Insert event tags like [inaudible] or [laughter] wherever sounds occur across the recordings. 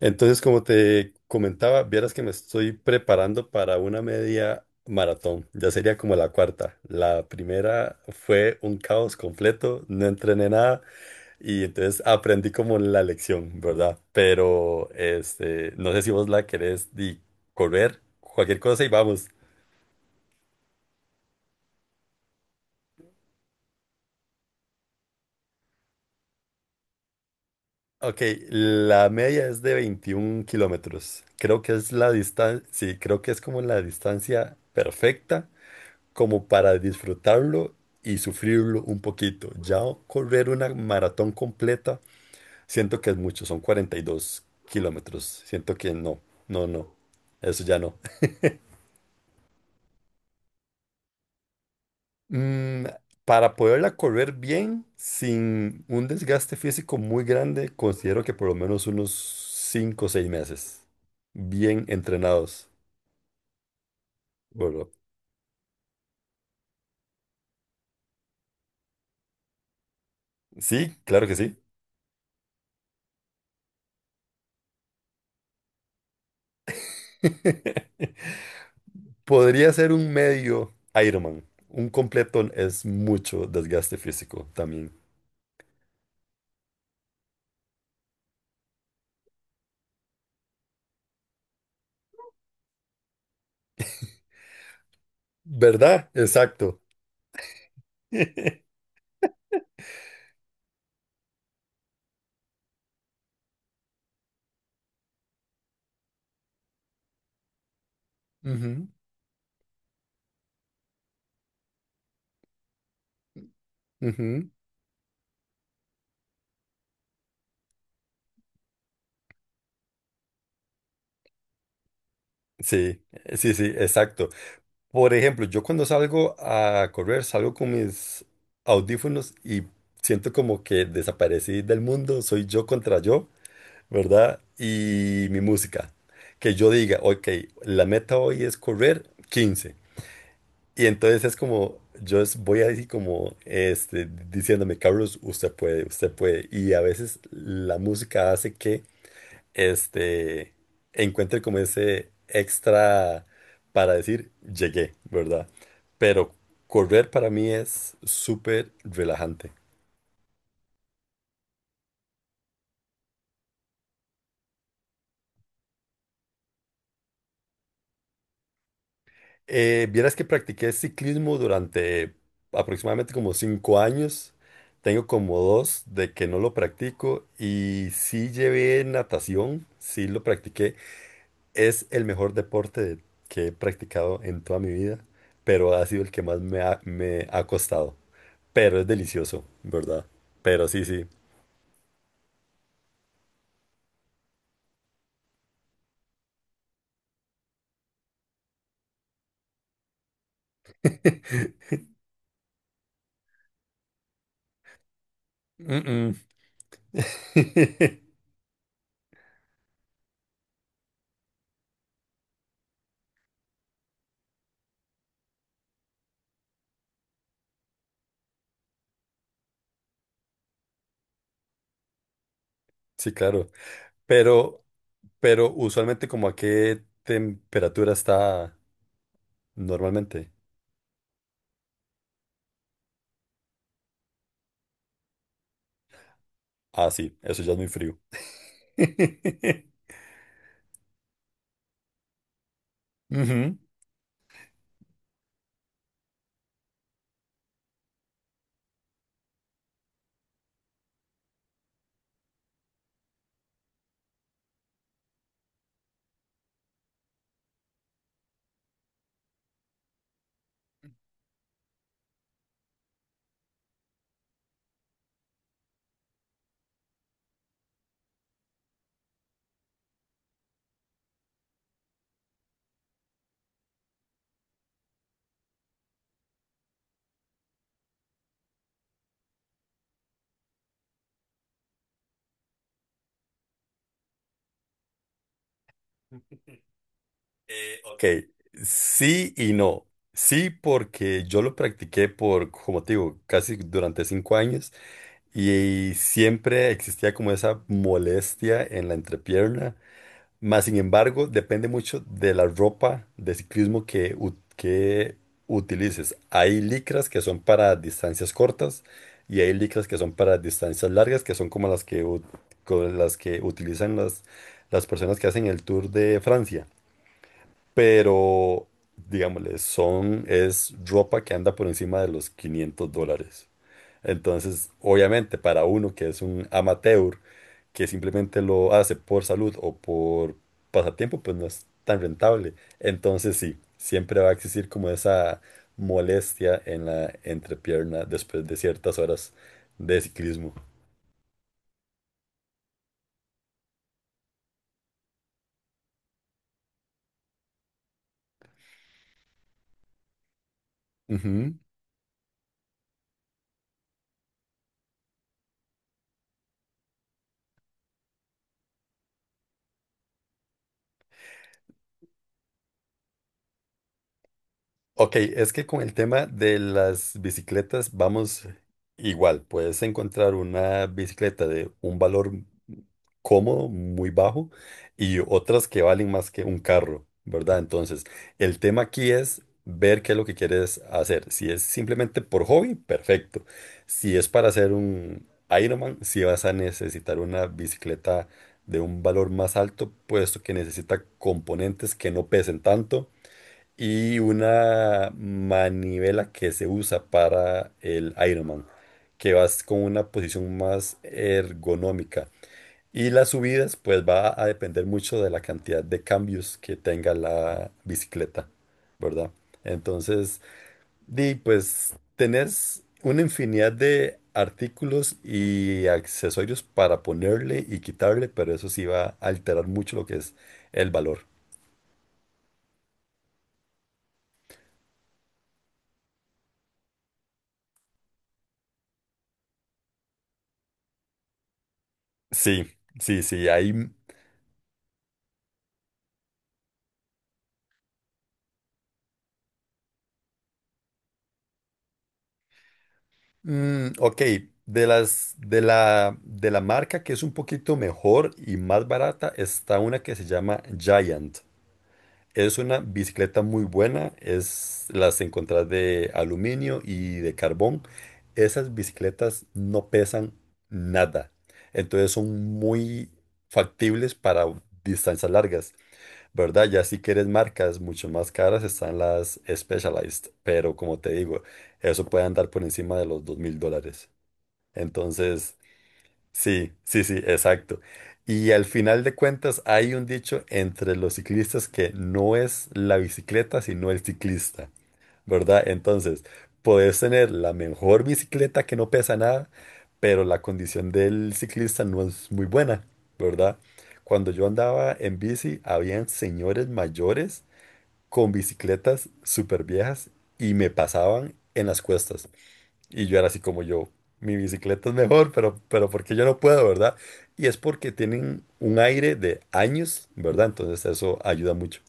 Entonces, como te comentaba, vieras que me estoy preparando para una media maratón. Ya sería como la cuarta. La primera fue un caos completo, no entrené nada y entonces aprendí como la lección, ¿verdad? Pero este, no sé si vos la querés correr, cualquier cosa y vamos. Ok, la media es de 21 kilómetros. Creo que es la distancia, sí, creo que es como la distancia perfecta como para disfrutarlo y sufrirlo un poquito. Ya correr una maratón completa, siento que es mucho, son 42 kilómetros. Siento que no, no, no, eso ya no. Mm, para poderla correr bien, sin un desgaste físico muy grande, considero que por lo menos unos 5 o 6 meses, bien entrenados. Bueno, sí, claro que sí. Podría ser un medio Ironman. Un completo es mucho desgaste físico también. ¿Verdad? Exacto. [laughs] Ujú, ujú. Sí, sí, sí, exacto. Por ejemplo, yo cuando salgo a correr, salgo con mis audífonos y siento como que desaparecí del mundo, soy yo contra yo, ¿verdad? Y mi música. Que yo diga, ok, la meta hoy es correr 15. Y entonces es como, yo voy así como diciéndome, Carlos, usted puede, usted puede. Y a veces la música hace que este, encuentre como ese extra para decir, llegué, ¿verdad? Pero correr para mí es súper relajante. Vieras que practiqué ciclismo durante aproximadamente como 5 años. Tengo como dos de que no lo practico y sí llevé natación, sí lo practiqué. Es el mejor deporte que he practicado en toda mi vida, pero ha sido el que más me ha costado. Pero es delicioso, ¿verdad? Pero sí, sí. Mm, mm. [laughs] Sí, claro. Pero, pero usualmente como a qué temperatura está normalmente. Ah, sí, eso ya es muy frío. [laughs] Ujú. Ok, sí y no. Sí, porque yo lo practiqué por, como te digo, casi durante 5 años y siempre existía como esa molestia en la entrepierna. Más sin embargo, depende mucho de la ropa de ciclismo que, que utilices. Hay licras que son para distancias cortas y hay licras que son para distancias largas, que son como las que, las que utilizan las personas que hacen el Tour de Francia, pero digámosle, son, es ropa que anda por encima de los $500. Entonces, obviamente, para uno que es un amateur, que simplemente lo hace por salud o por pasatiempo, pues no es tan rentable. Entonces, sí, siempre va a existir como esa molestia en la entrepierna después de ciertas horas de ciclismo. Ok, es que con el tema de las bicicletas vamos igual. Puedes encontrar una bicicleta de un valor cómodo, muy bajo, y otras que valen más que un carro, ¿verdad? Entonces, el tema aquí es ver qué es lo que quieres hacer. Si es simplemente por hobby, perfecto. Si es para hacer un Ironman, si vas a necesitar una bicicleta de un valor más alto, puesto que necesita componentes que no pesen tanto y una manivela que se usa para el Ironman, que vas con una posición más ergonómica. Y las subidas, pues va a depender mucho de la cantidad de cambios que tenga la bicicleta, ¿verdad? Entonces, di, pues tenés una infinidad de artículos y accesorios para ponerle y quitarle, pero eso sí va a alterar mucho lo que es el valor. Sí, sí, sí, hay. Ok, de la marca que es un poquito mejor y más barata está una que se llama Giant. Es una bicicleta muy buena, es las encontrás de aluminio y de carbón. Esas bicicletas no pesan nada. Entonces son muy factibles para distancias largas, ¿verdad? Ya si quieres marcas mucho más caras están las Specialized, pero como te digo, eso puede andar por encima de los $2,000. Entonces, sí, sí, sí, exacto. Y al final de cuentas hay un dicho entre los ciclistas que no es la bicicleta, sino el ciclista, ¿verdad? Entonces, puedes tener la mejor bicicleta que no pesa nada, pero la condición del ciclista no es muy buena, ¿verdad? Cuando yo andaba en bici, habían señores mayores con bicicletas súper viejas y me pasaban en las cuestas. Y yo era así como yo, mi bicicleta es mejor, pero porque yo no puedo, ¿verdad? Y es porque tienen un aire de años, ¿verdad? Entonces eso ayuda mucho.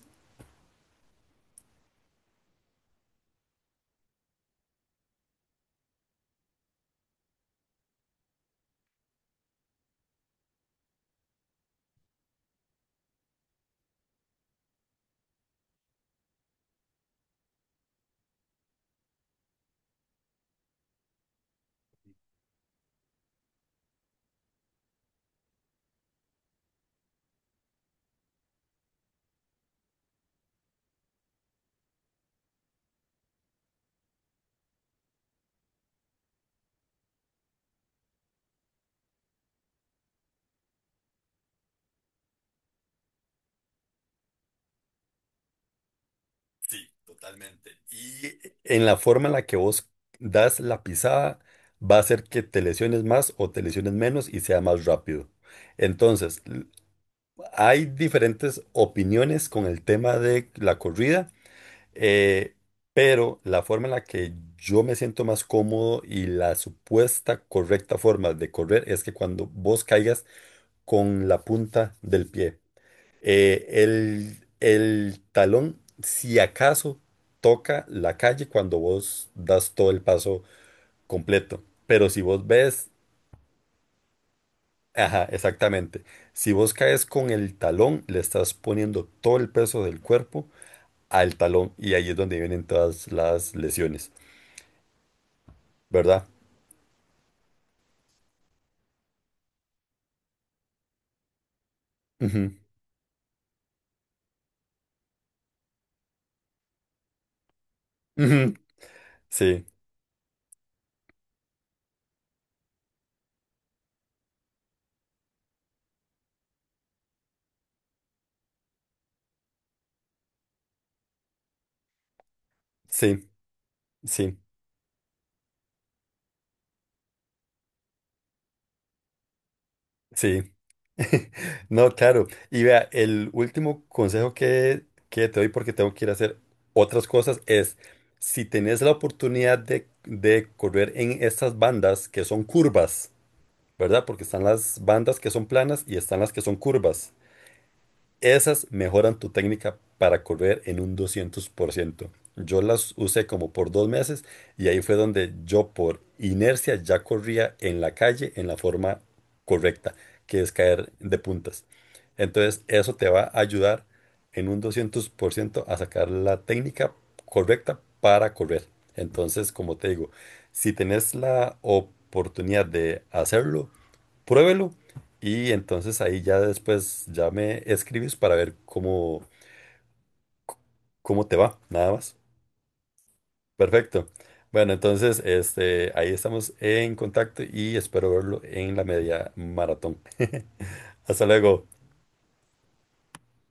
Sí, totalmente. Y en la forma en la que vos das la pisada, va a hacer que te lesiones más o te lesiones menos y sea más rápido. Entonces, hay diferentes opiniones con el tema de la corrida. Eh, pero la forma en la que yo me siento más cómodo y la supuesta correcta forma de correr es que cuando vos caigas con la punta del pie, el talón, si acaso, toca la calle cuando vos das todo el paso completo. Pero si vos ves, ajá, exactamente, si vos caes con el talón, le estás poniendo todo el peso del cuerpo al talón y ahí es donde vienen todas las lesiones, ¿verdad? Ujú, ujú. Sí, sí, sí, sí. [laughs] No, claro. Y vea, el último consejo que te doy porque tengo que ir a hacer otras cosas es, si tenés la oportunidad de correr en estas bandas que son curvas, ¿verdad? Porque están las bandas que son planas y están las que son curvas. Esas mejoran tu técnica para correr en un 200%. Yo las usé como por 2 meses y ahí fue donde yo por inercia ya corría en la calle en la forma correcta, que es caer de puntas. Entonces eso te va a ayudar en un 200% a sacar la técnica correcta para correr. Entonces, como te digo, si tenés la oportunidad de hacerlo, pruébelo y entonces ahí ya después ya me escribes para ver cómo te va, nada más. Perfecto. Bueno, entonces este, ahí estamos en contacto y espero verlo en la media maratón. Hasta luego.